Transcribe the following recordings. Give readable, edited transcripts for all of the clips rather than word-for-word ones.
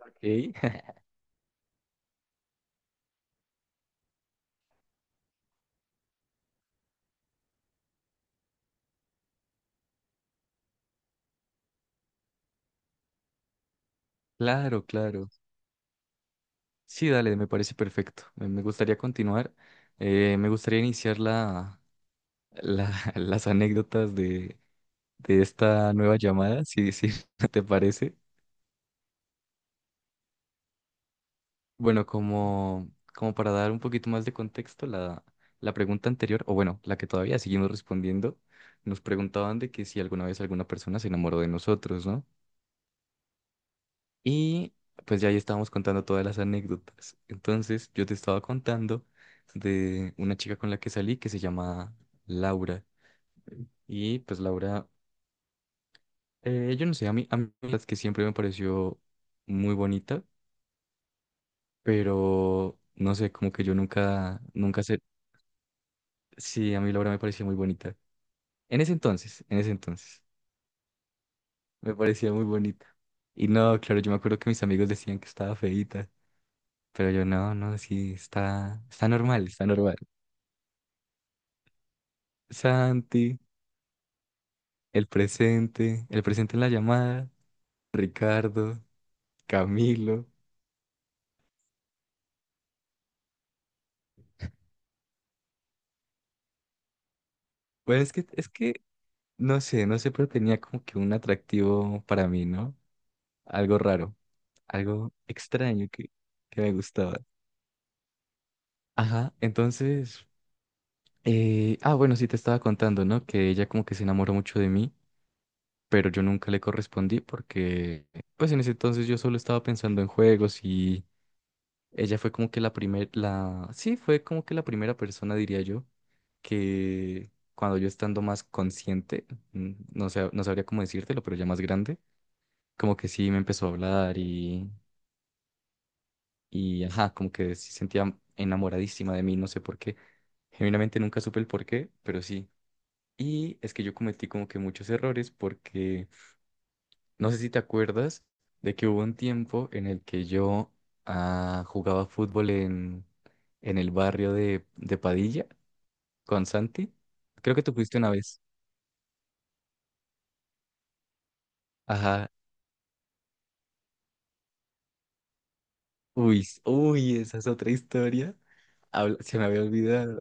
Ok, Claro, claro. Sí, dale, me parece perfecto. Me gustaría continuar. Me gustaría iniciar la, las anécdotas de esta nueva llamada, si te parece. Bueno, como para dar un poquito más de contexto, la pregunta anterior, o bueno, la que todavía seguimos respondiendo, nos preguntaban de que si alguna vez alguna persona se enamoró de nosotros, ¿no? Y pues ya ahí estábamos contando todas las anécdotas. Entonces yo te estaba contando de una chica con la que salí que se llama Laura. Y pues Laura, yo no sé, a mí, las que siempre me pareció muy bonita, pero no sé, como que yo nunca, nunca sé. Sí, a mí Laura me parecía muy bonita. En ese entonces, me parecía muy bonita. Y no, claro, yo me acuerdo que mis amigos decían que estaba feíta, pero yo no, no, sí, está normal, está normal. Santi, el presente en la llamada, Ricardo, Camilo. Pues es que, no sé, pero tenía como que un atractivo para mí, ¿no? Algo raro, algo extraño que me gustaba. Ajá, entonces, bueno, sí te estaba contando, ¿no? Que ella como que se enamoró mucho de mí, pero yo nunca le correspondí porque, pues en ese entonces yo solo estaba pensando en juegos y ella fue como que la primera, sí, fue como que la primera persona, diría yo, que cuando yo estando más consciente, no sé, no sabría cómo decírtelo, pero ya más grande, como que sí me empezó a hablar y ajá, como que sí sentía enamoradísima de mí, no sé por qué. Genuinamente nunca supe el por qué, pero sí. Y es que yo cometí como que muchos errores porque no sé si te acuerdas de que hubo un tiempo en el que yo jugaba fútbol en el barrio de Padilla con Santi. Creo que tú fuiste una vez. Ajá. Uy, uy, esa es otra historia. Se me había olvidado.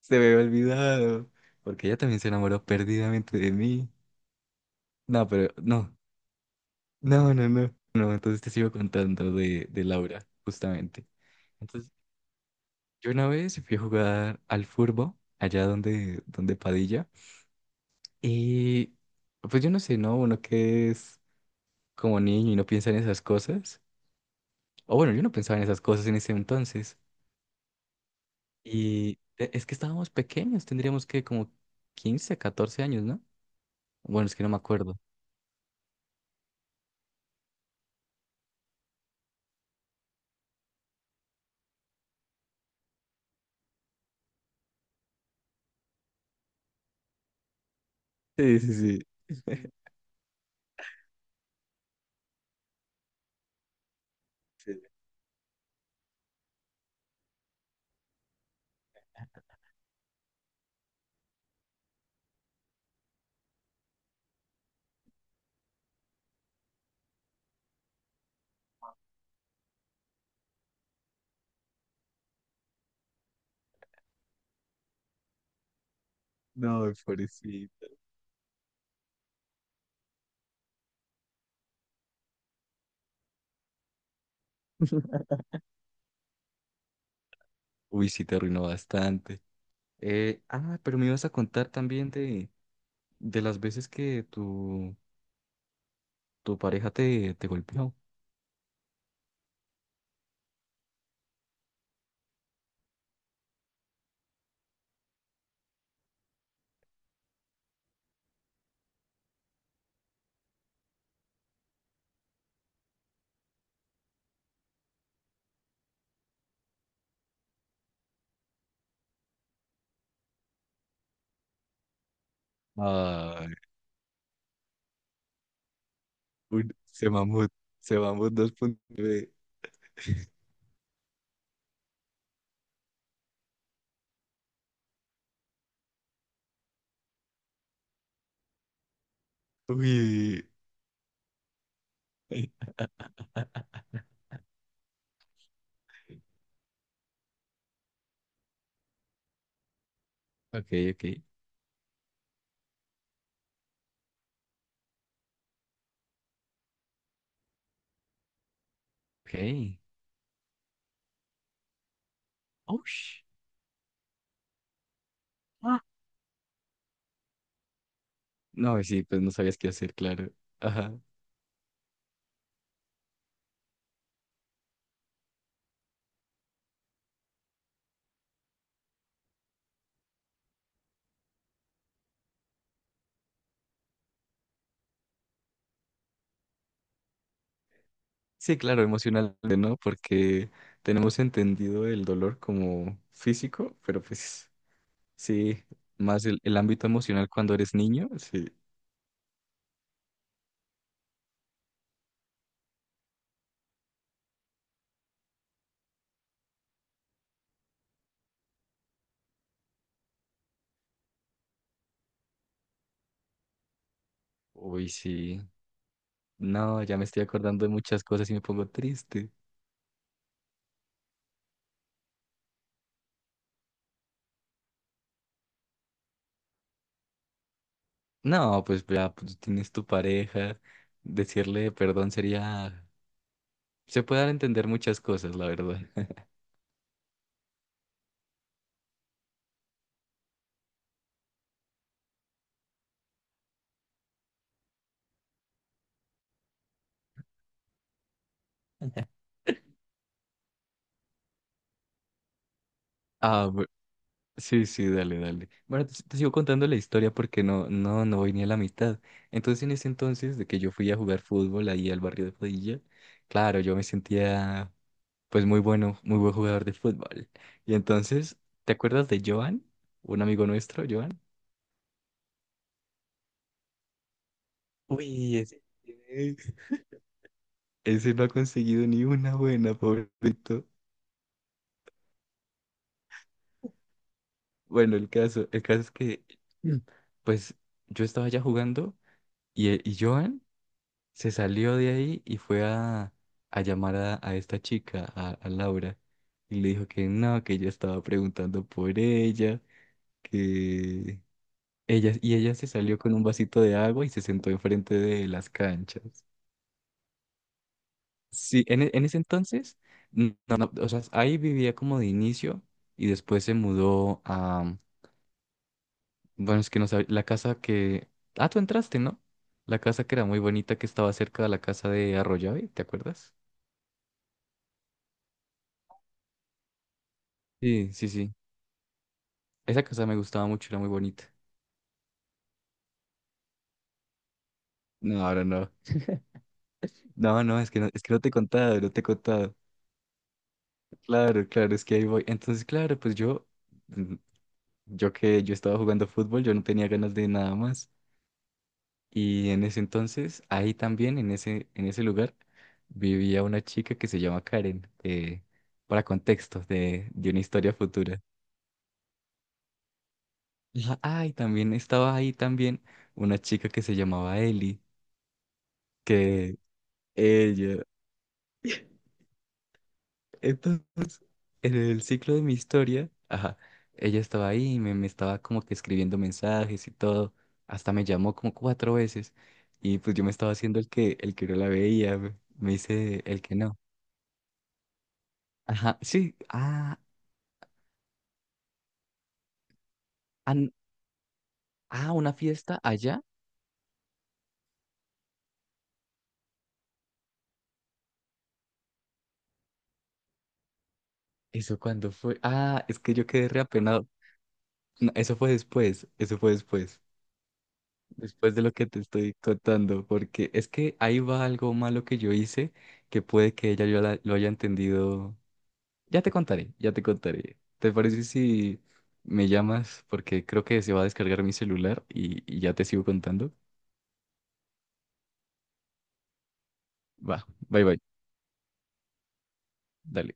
Se me había olvidado. Porque ella también se enamoró perdidamente de mí. No, pero no. No, no, no. No, entonces te sigo contando de Laura, justamente. Yo una vez fui a jugar al furbo, allá donde Padilla, y pues yo no sé, ¿no? Uno que es como niño y no piensa en esas cosas, o bueno, yo no pensaba en esas cosas en ese entonces, y es que estábamos pequeños, tendríamos que como 15 14 años, ¿no? Bueno, es que no me acuerdo. Sí, sí, sí. Sí. No, pobrecito. Uy, sí, te arruinó bastante. Pero me ibas a contar también de las veces que tú tu pareja te golpeó. Ay, uy, se mamut 2,9. Uy. Ok, ok, ok. Ush. Ah. No, sí, pues no sabías qué hacer, claro. Ajá. Sí, claro, emocionalmente, ¿no? Porque tenemos entendido el dolor como físico, pero pues sí, más el ámbito emocional cuando eres niño, sí. Uy, sí. No, ya me estoy acordando de muchas cosas y me pongo triste. No, pues ya pues, tienes tu pareja. Decirle perdón sería. Se puede dar a entender muchas cosas, la verdad. Ah, sí, sí, dale, dale. Bueno, te sigo contando la historia porque no, no, no voy ni a la mitad. Entonces, en ese entonces de que yo fui a jugar fútbol ahí al barrio de Padilla, claro, yo me sentía pues muy bueno, muy buen jugador de fútbol. Y entonces, ¿te acuerdas de Joan? Un amigo nuestro, Joan. Uy, ese, ese no ha conseguido ni una buena, pobrecito. Bueno, el caso es que, Mm. pues, yo estaba ya jugando y Joan se salió de ahí y fue a llamar a esta chica, a Laura, y le dijo que no, que yo estaba preguntando por ella, que y ella se salió con un vasito de agua y se sentó enfrente de las canchas. Sí, en ese entonces, no, no, o sea, ahí vivía como de inicio y después se mudó. Bueno, es que no sabía. La casa que. Ah, tú entraste, ¿no? La casa que era muy bonita que estaba cerca de la casa de Arroyave, ¿te acuerdas? Sí, sí, sí. Esa casa me gustaba mucho, era muy bonita. No, ahora no. No, no, es que no, es que no te he contado, no te he contado. Claro, claro, es que ahí voy. Entonces, claro, pues mm, yo que yo estaba jugando fútbol, yo no tenía ganas de nada más. Y en ese entonces, ahí también, en ese lugar, vivía una chica que se llama Karen, para contextos de una historia futura. Ajá, Ah, y también estaba ahí también una chica que se llamaba Eli, que ella. Entonces, en el ciclo de mi historia, ajá, ella estaba ahí y me estaba como que escribiendo mensajes y todo. Hasta me llamó como cuatro veces. Y pues yo me estaba haciendo el que no la veía, me hice el que no. Ajá, sí, an- una fiesta allá. ¿Eso cuando fue? Ah, es que yo quedé reapenado. No, eso fue después, eso fue después de lo que te estoy contando, porque es que ahí va algo malo que yo hice que puede que ella yo lo haya entendido. Ya te contaré, ya te contaré. ¿Te parece si me llamas? Porque creo que se va a descargar mi celular y ya te sigo contando. Va, bye bye, dale.